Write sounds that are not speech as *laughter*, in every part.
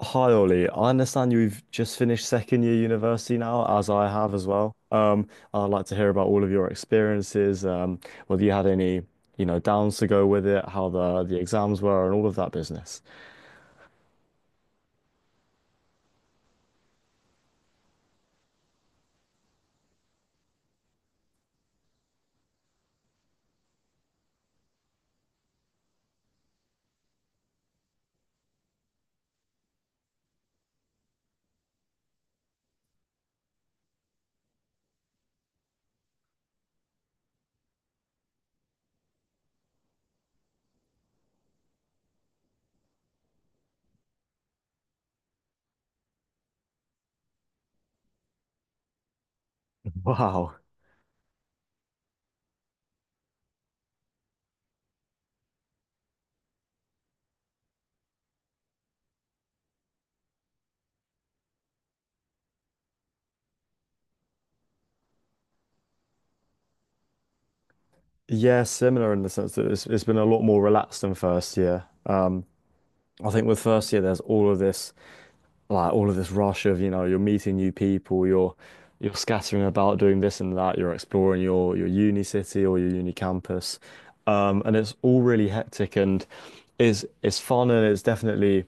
Hi Ollie, I understand you've just finished second year university now, as I have as well. I'd like to hear about all of your experiences, whether you had any, you know, downs to go with it, how the exams were, and all of that business. Wow. Yeah, similar in the sense that it's been a lot more relaxed than first year. I think with first year, there's all of this. Like all of this rush of, you know, you're meeting new people, you're scattering about doing this and that, you're exploring your uni city or your uni campus. And it's all really hectic and is it's fun and it's definitely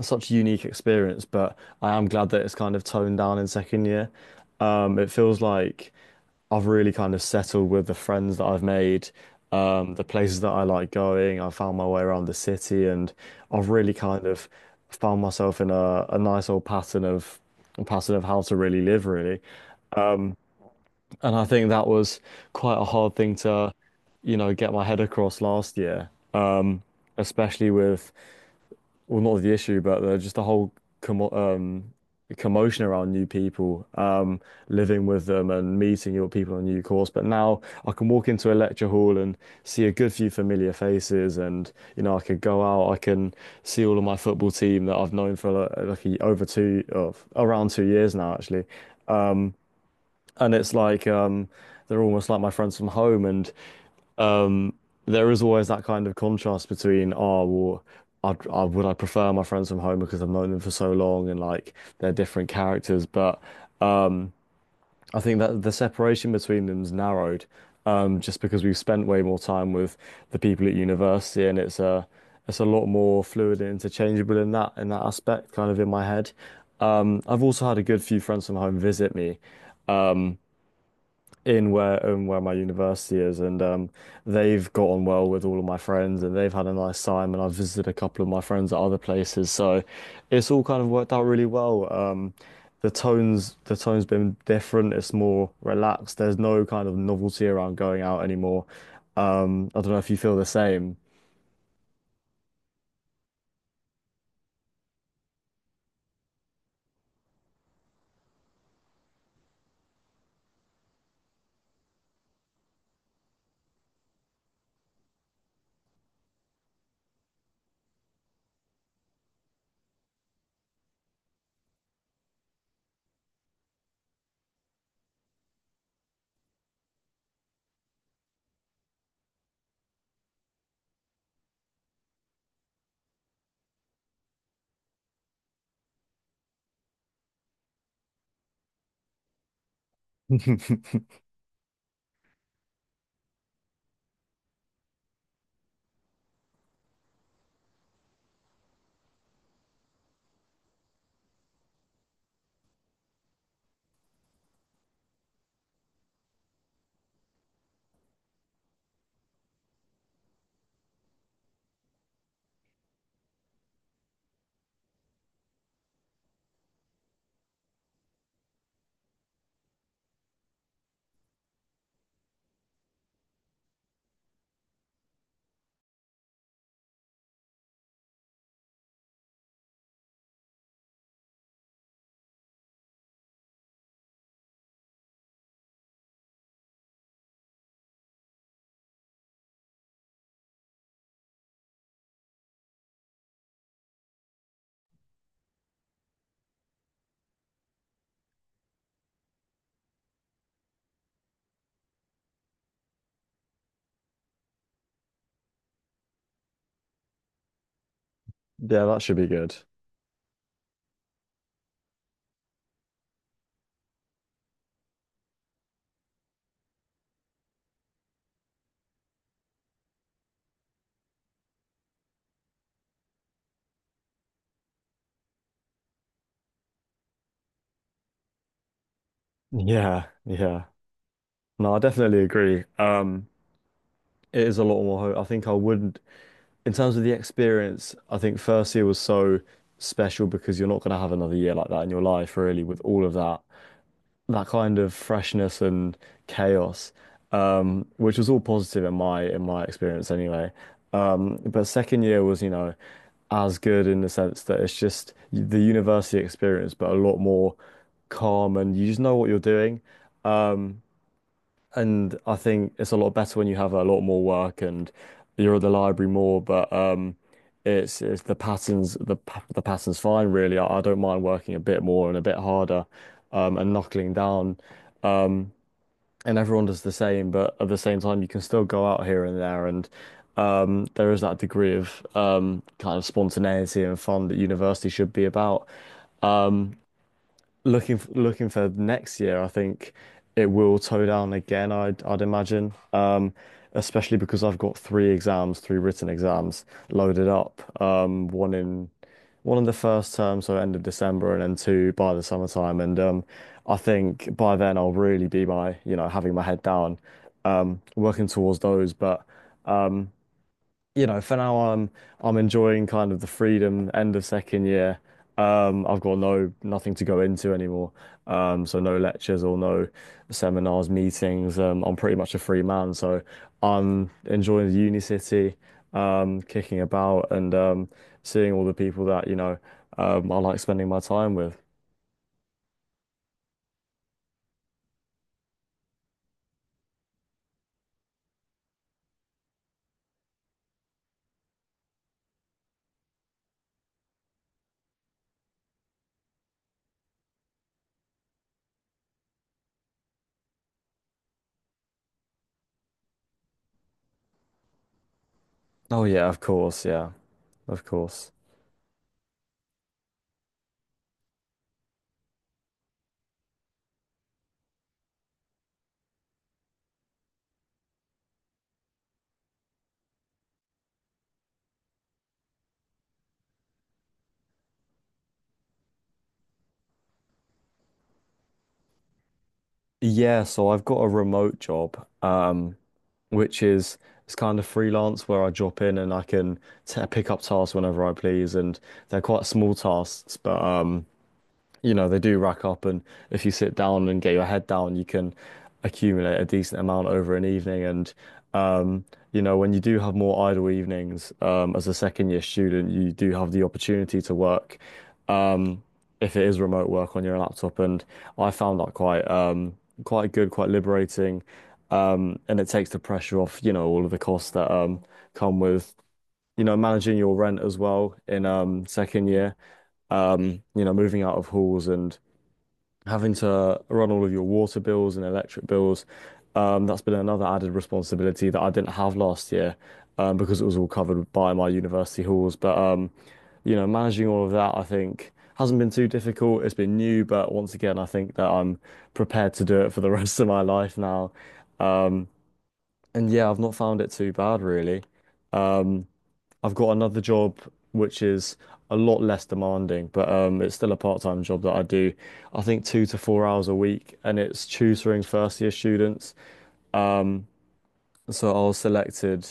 such a unique experience, but I am glad that it's kind of toned down in second year. It feels like I've really kind of settled with the friends that I've made, the places that I like going. I found my way around the city, and I've really kind of found myself in a nice old pattern of how to really live, really. And I think that was quite a hard thing to, you know, get my head across last year, especially with, well, not the issue, but just the whole commo um, commotion around new people, living with them and meeting your people on a new course. But now I can walk into a lecture hall and see a good few familiar faces, and you know I could go out, I can see all of my football team that I've known for like a- over two of around 2 years now, actually, and it's like they're almost like my friends from home, and um, there is always that kind of contrast between, oh, well, I'd, I would I prefer my friends from home because I've known them for so long and like they're different characters. But I think that the separation between them's narrowed, just because we've spent way more time with the people at university and it's a lot more fluid and interchangeable in that aspect, kind of in my head. I've also had a good few friends from home visit me. Um, in where my university is, and they've got on well with all of my friends, and they've had a nice time, and I've visited a couple of my friends at other places, so it's all kind of worked out really well. The tone's been different. It's more relaxed. There's no kind of novelty around going out anymore. I don't know if you feel the same. *laughs* Yeah, that should be good. Yeah, yeah. No, I definitely agree. It is a lot more. Ho- I think I would. In terms of the experience, I think first year was so special because you're not going to have another year like that in your life, really, with all of that kind of freshness and chaos, which was all positive in my experience anyway. But second year was, you know, as good in the sense that it's just the university experience, but a lot more calm and you just know what you're doing. Um, and I think it's a lot better when you have a lot more work and you're at the library more, but it's the patterns the pa- the pattern's fine really. I don't mind working a bit more and a bit harder and knuckling down. Um, And everyone does the same, but at the same time you can still go out here and there is that degree of kind of spontaneity and fun that university should be about looking for next year. I think it will toe down again. I'd imagine, especially because I've got three exams, three written exams loaded up. One in the first term, so end of December, and then two by the summertime. And I think by then I'll really be my you know having my head down, working towards those, but. um, you know, for now I'm enjoying kind of the freedom end of second year. I've got nothing to go into anymore. So no lectures or no seminars, meetings. I'm pretty much a free man, so I'm enjoying the uni city, kicking about and seeing all the people that, you know, I like spending my time with. Oh yeah, of course, yeah, of course. Yeah, so I've got a remote job. Which is it's kind of freelance where I drop in and I can t pick up tasks whenever I please, and they're quite small tasks, but you know, they do rack up, and if you sit down and get your head down, you can accumulate a decent amount over an evening. And um, you know, when you do have more idle evenings, as a second year student, you do have the opportunity to work, um, if it is remote work on your laptop. And I found that quite quite good, quite liberating. And it takes the pressure off, you know, all of the costs that come with, you know, managing your rent as well in second year, you know, moving out of halls and having to run all of your water bills and electric bills. That's been another added responsibility that I didn't have last year, because it was all covered by my university halls. But you know, managing all of that, I think, hasn't been too difficult. It's been new, but once again, I think that I'm prepared to do it for the *laughs* rest of my life now. Um, and yeah, I've not found it too bad really. Um, I've got another job which is a lot less demanding, but it's still a part-time job that I do. I think 2 to 4 hours a week, and it's tutoring first-year students. So I was selected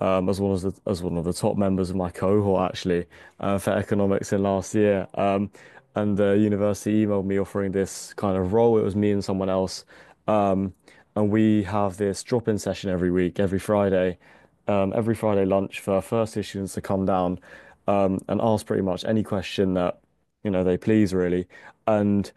as one of the top members of my cohort, actually, for economics, in last year. And the university emailed me offering this kind of role. It was me and someone else, um, and we have this drop-in session every week, every Friday lunch for first year students to come down, and ask pretty much any question that, you know, they please, really, and.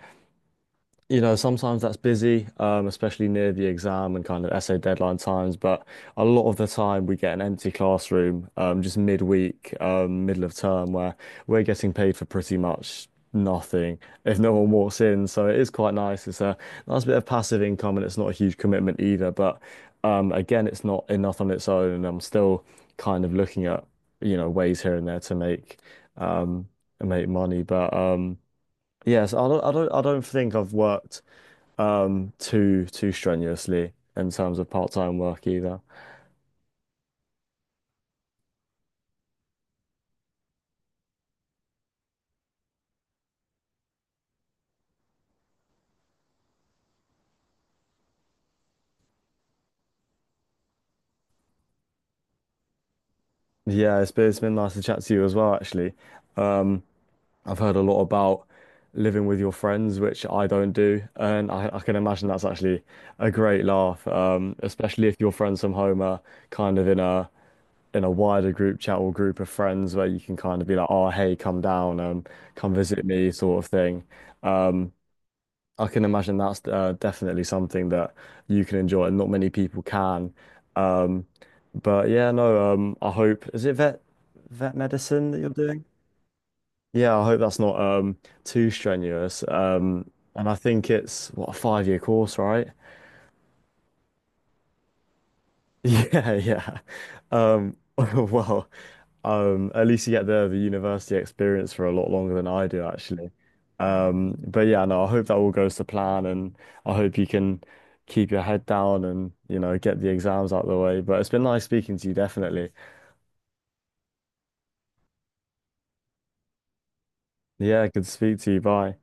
You know, sometimes that's busy, especially near the exam and kind of essay deadline times. But a lot of the time, we get an empty classroom, just midweek, middle of term, where we're getting paid for pretty much nothing if no one walks in. So it is quite nice. It's a nice bit of passive income, and it's not a huge commitment either. But again, it's not enough on its own, and I'm still kind of looking at, you know, ways here and there to make, um, make money. But yes, I don't think I've worked too strenuously in terms of part-time work either. Yeah, it's been nice to chat to you as well, actually. Um, I've heard a lot about living with your friends, which I don't do, and I can imagine that's actually a great laugh, especially if your friends from home are kind of in a wider group chat or group of friends where you can kind of be like, oh, hey, come down, come visit me, sort of thing. Um, I can imagine that's definitely something that you can enjoy and not many people can. Um, but yeah, no, I hope, is it vet medicine that you're doing? Yeah, I hope that's not too strenuous. And I think it's what, a 5-year course, right? *laughs* Yeah, yeah. *laughs* Well, at least you get the university experience for a lot longer than I do, actually. But yeah, no, I hope that all goes to plan, and I hope you can keep your head down and you know get the exams out of the way. But it's been nice speaking to you, definitely. Yeah, good to speak to you. Bye.